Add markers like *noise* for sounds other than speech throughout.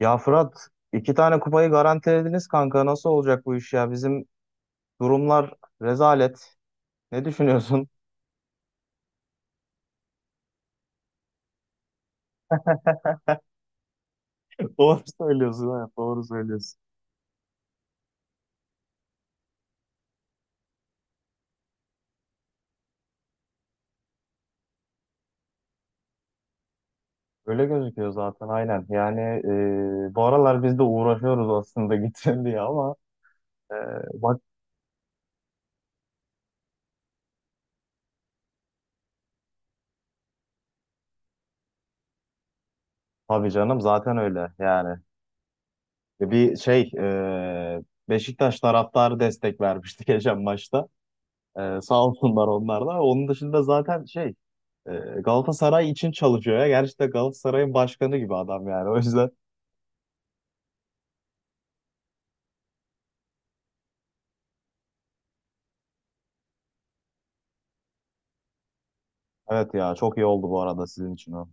Ya Fırat iki tane kupayı garantilediniz kanka. Nasıl olacak bu iş ya? Bizim durumlar rezalet. Ne düşünüyorsun? *laughs* Doğru söylüyorsun, evet, doğru söylüyorsun. Öyle gözüküyor zaten aynen. Yani bu aralar biz de uğraşıyoruz aslında *laughs* gitsin diye ama e, bak, tabii canım zaten öyle yani. e, Bir şey e, Beşiktaş taraftarı destek vermişti *laughs* geçen maçta. Sağ olsunlar onlar da. Onun dışında zaten E, Galatasaray için çalışıyor ya. Gerçekten Galatasaray'ın başkanı gibi adam yani. O yüzden evet ya, çok iyi oldu bu arada sizin için o.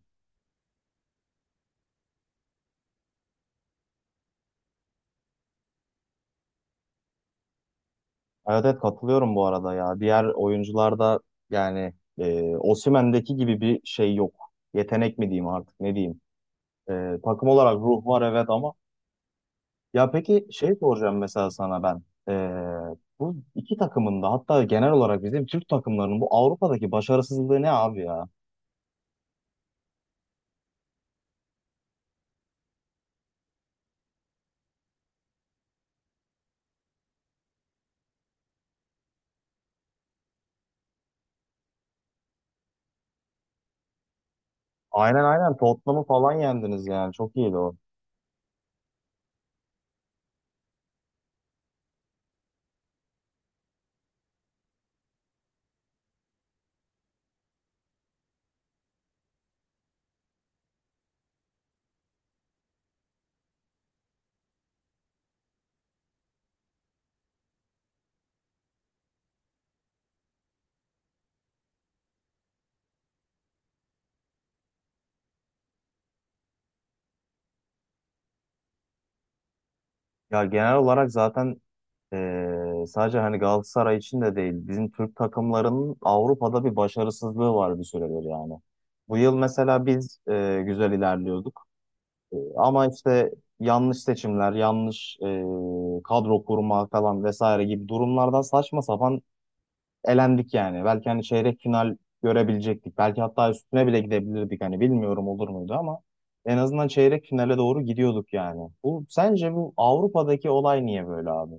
Evet evet, katılıyorum bu arada ya. Diğer oyuncularda yani Osimhen'deki gibi bir şey yok. Yetenek mi diyeyim artık ne diyeyim. Takım olarak ruh var evet ama ya, peki şey soracağım mesela sana ben. E, Bu iki takımın da hatta genel olarak bizim Türk takımlarının bu Avrupa'daki başarısızlığı ne abi ya? Aynen aynen, Tottenham'ı falan yendiniz yani çok iyiydi o. Ya genel olarak zaten sadece hani Galatasaray için de değil, bizim Türk takımlarının Avrupa'da bir başarısızlığı var bir süredir yani. Bu yıl mesela biz güzel ilerliyorduk. Ama işte yanlış seçimler, yanlış kadro kurma falan vesaire gibi durumlardan saçma sapan elendik yani. Belki hani çeyrek final görebilecektik. Belki hatta üstüne bile gidebilirdik. Hani bilmiyorum olur muydu ama en azından çeyrek finale doğru gidiyorduk yani. Bu sence bu Avrupa'daki olay niye böyle abi?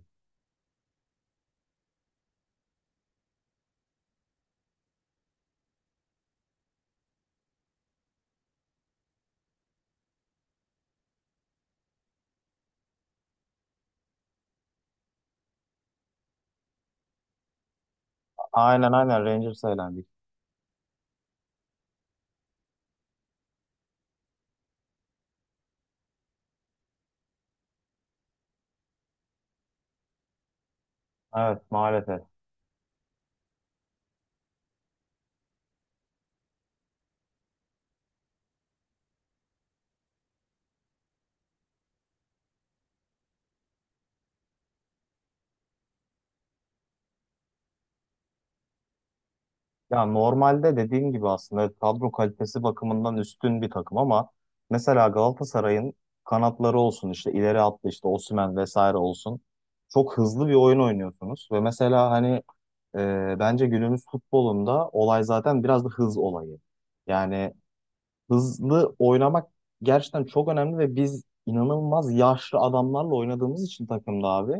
Aynen aynen, Rangers'a elendik. Evet maalesef. Ya normalde dediğim gibi aslında evet, kadro kalitesi bakımından üstün bir takım ama mesela Galatasaray'ın kanatları olsun, işte ileri attı işte Osimhen vesaire olsun. Çok hızlı bir oyun oynuyorsunuz ve mesela hani bence günümüz futbolunda olay zaten biraz da hız olayı. Yani hızlı oynamak gerçekten çok önemli ve biz inanılmaz yaşlı adamlarla oynadığımız için takımda abi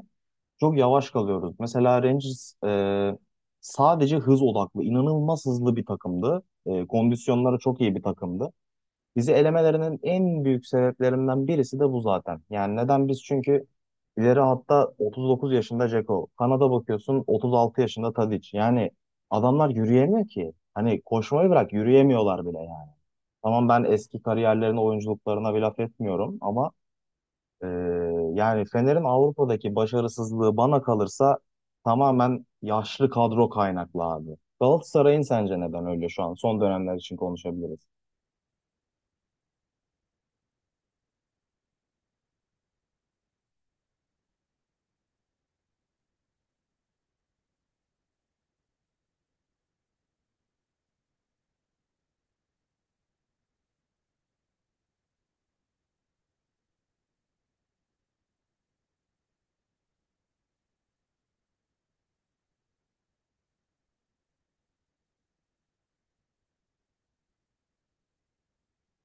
çok yavaş kalıyoruz. Mesela Rangers sadece hız odaklı, inanılmaz hızlı bir takımdı. Kondisyonları çok iyi bir takımdı. Bizi elemelerinin en büyük sebeplerinden birisi de bu zaten. Yani neden biz? Çünkü ileri hatta 39 yaşında Dzeko. Kanada bakıyorsun 36 yaşında Tadic. Yani adamlar yürüyemiyor ki. Hani koşmayı bırak yürüyemiyorlar bile yani. Tamam ben eski kariyerlerine, oyunculuklarına bir laf etmiyorum ama e, yani Fener'in Avrupa'daki başarısızlığı bana kalırsa tamamen yaşlı kadro kaynaklı abi. Galatasaray'ın sence neden öyle şu an? Son dönemler için konuşabiliriz.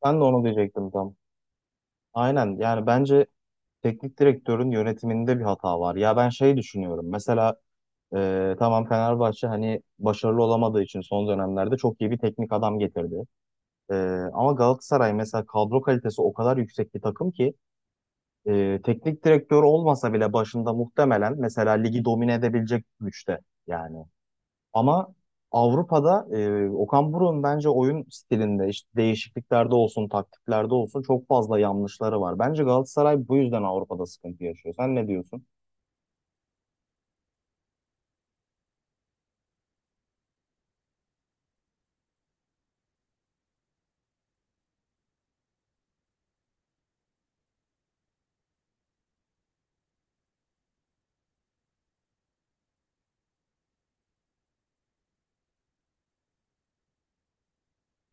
Ben de onu diyecektim tam. Aynen, yani bence teknik direktörün yönetiminde bir hata var. Ya ben şey düşünüyorum mesela, tamam Fenerbahçe hani başarılı olamadığı için son dönemlerde çok iyi bir teknik adam getirdi. E, Ama Galatasaray mesela kadro kalitesi o kadar yüksek bir takım ki teknik direktör olmasa bile başında muhtemelen mesela ligi domine edebilecek güçte yani. Ama Avrupa'da Okan Buruk'un bence oyun stilinde işte değişikliklerde olsun, taktiklerde olsun çok fazla yanlışları var. Bence Galatasaray bu yüzden Avrupa'da sıkıntı yaşıyor. Sen ne diyorsun?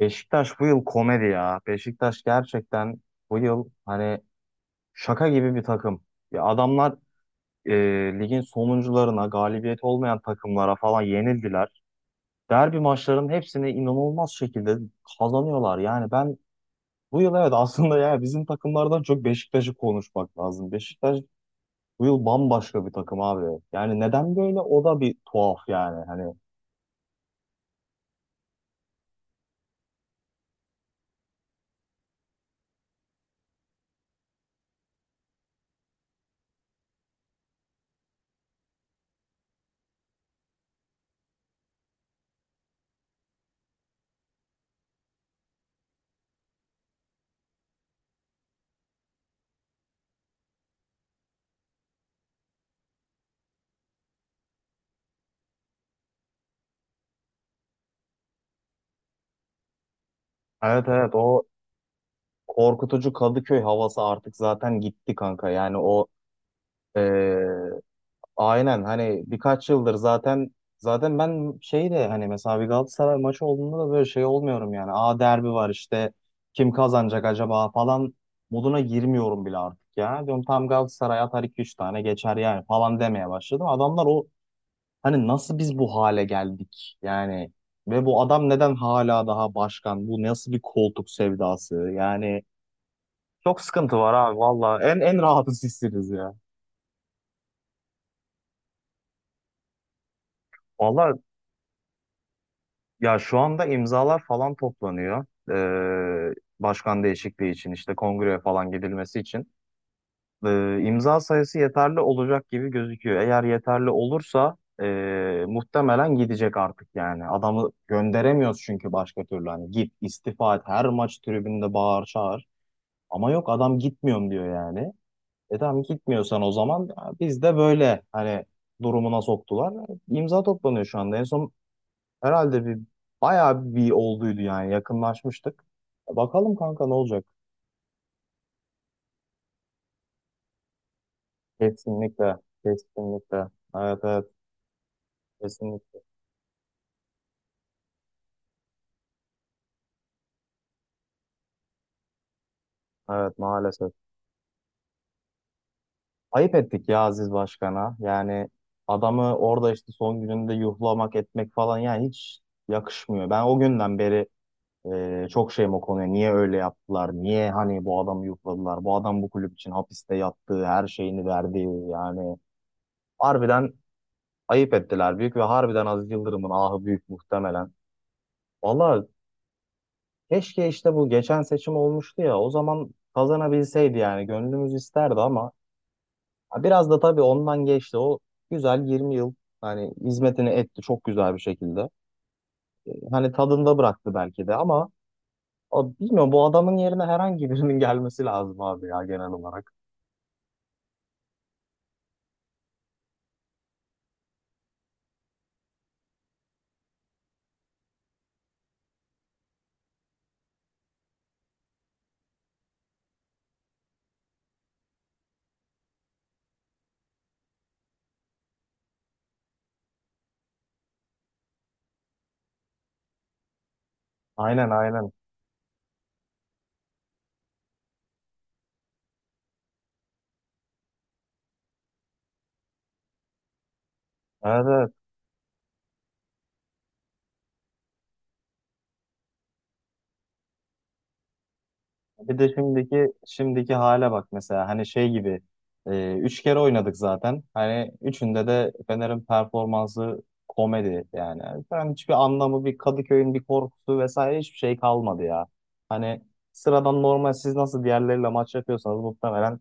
Beşiktaş bu yıl komedi ya. Beşiktaş gerçekten bu yıl hani şaka gibi bir takım. Ya adamlar e, ligin sonuncularına, galibiyet olmayan takımlara falan yenildiler. Derbi maçlarının hepsini inanılmaz şekilde kazanıyorlar. Yani ben bu yıl evet, aslında ya bizim takımlardan çok Beşiktaş'ı konuşmak lazım. Beşiktaş bu yıl bambaşka bir takım abi. Yani neden böyle, o da bir tuhaf yani. Hani evet evet, o korkutucu Kadıköy havası artık zaten gitti kanka. Yani o, aynen, hani birkaç yıldır zaten, zaten ben şey de hani mesela bir Galatasaray maçı olduğunda da böyle şey olmuyorum yani. Aa, derbi var işte, kim kazanacak acaba falan moduna girmiyorum bile artık ya. Diyorum tam Galatasaray atar 2-3 tane geçer yani falan demeye başladım. Adamlar o, hani nasıl biz bu hale geldik yani ve bu adam neden hala daha başkan? Bu nasıl bir koltuk sevdası? Yani çok sıkıntı var abi valla, en rahatsız sizsiniz ya. Valla ya şu anda imzalar falan toplanıyor. Ee, Başkan değişikliği için işte kongreye falan gidilmesi için. İmza sayısı yeterli olacak gibi gözüküyor. Eğer yeterli olursa muhtemelen gidecek artık yani. Adamı gönderemiyoruz çünkü başka türlü. Hani git istifa et, her maç tribünde bağır çağır. Ama yok, adam gitmiyorum diyor yani. E tamam, gitmiyorsan o zaman ya biz de böyle hani durumuna soktular. İmza toplanıyor şu anda. En son herhalde bir bayağı bir olduydu yani, yakınlaşmıştık. Bakalım kanka ne olacak? Kesinlikle, kesinlikle. Evet evet, kesinlikle. Evet maalesef. Ayıp ettik ya Aziz Başkan'a. Yani adamı orada işte son gününde yuhlamak etmek falan yani hiç yakışmıyor. Ben o günden beri çok şeyim o konuya. Niye öyle yaptılar? Niye hani bu adamı yuhladılar? Bu adam bu kulüp için hapiste yattığı, her şeyini verdi yani. Harbiden ayıp ettiler büyük ve harbiden Aziz Yıldırım'ın ahı büyük muhtemelen. Valla keşke işte bu geçen seçim olmuştu ya, o zaman kazanabilseydi yani, gönlümüz isterdi ama ha, biraz da tabii ondan geçti o güzel 20 yıl hani hizmetini etti çok güzel bir şekilde. Hani tadında bıraktı belki de ama o, bilmiyorum, bu adamın yerine herhangi birinin *laughs* gelmesi lazım abi ya genel olarak. Aynen aynen. Evet, evet. Bir de şimdiki hale bak mesela hani şey gibi, üç kere oynadık zaten. Hani üçünde de Fener'in performansı komedi yani. Yani hiçbir anlamı, bir Kadıköy'ün bir korkusu vesaire hiçbir şey kalmadı ya. Hani sıradan normal siz nasıl diğerleriyle maç yapıyorsanız muhtemelen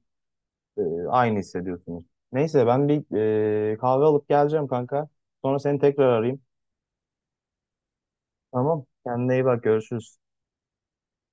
e, aynı hissediyorsunuz. Neyse ben bir kahve alıp geleceğim kanka. Sonra seni tekrar arayayım. Tamam. Kendine iyi bak, görüşürüz.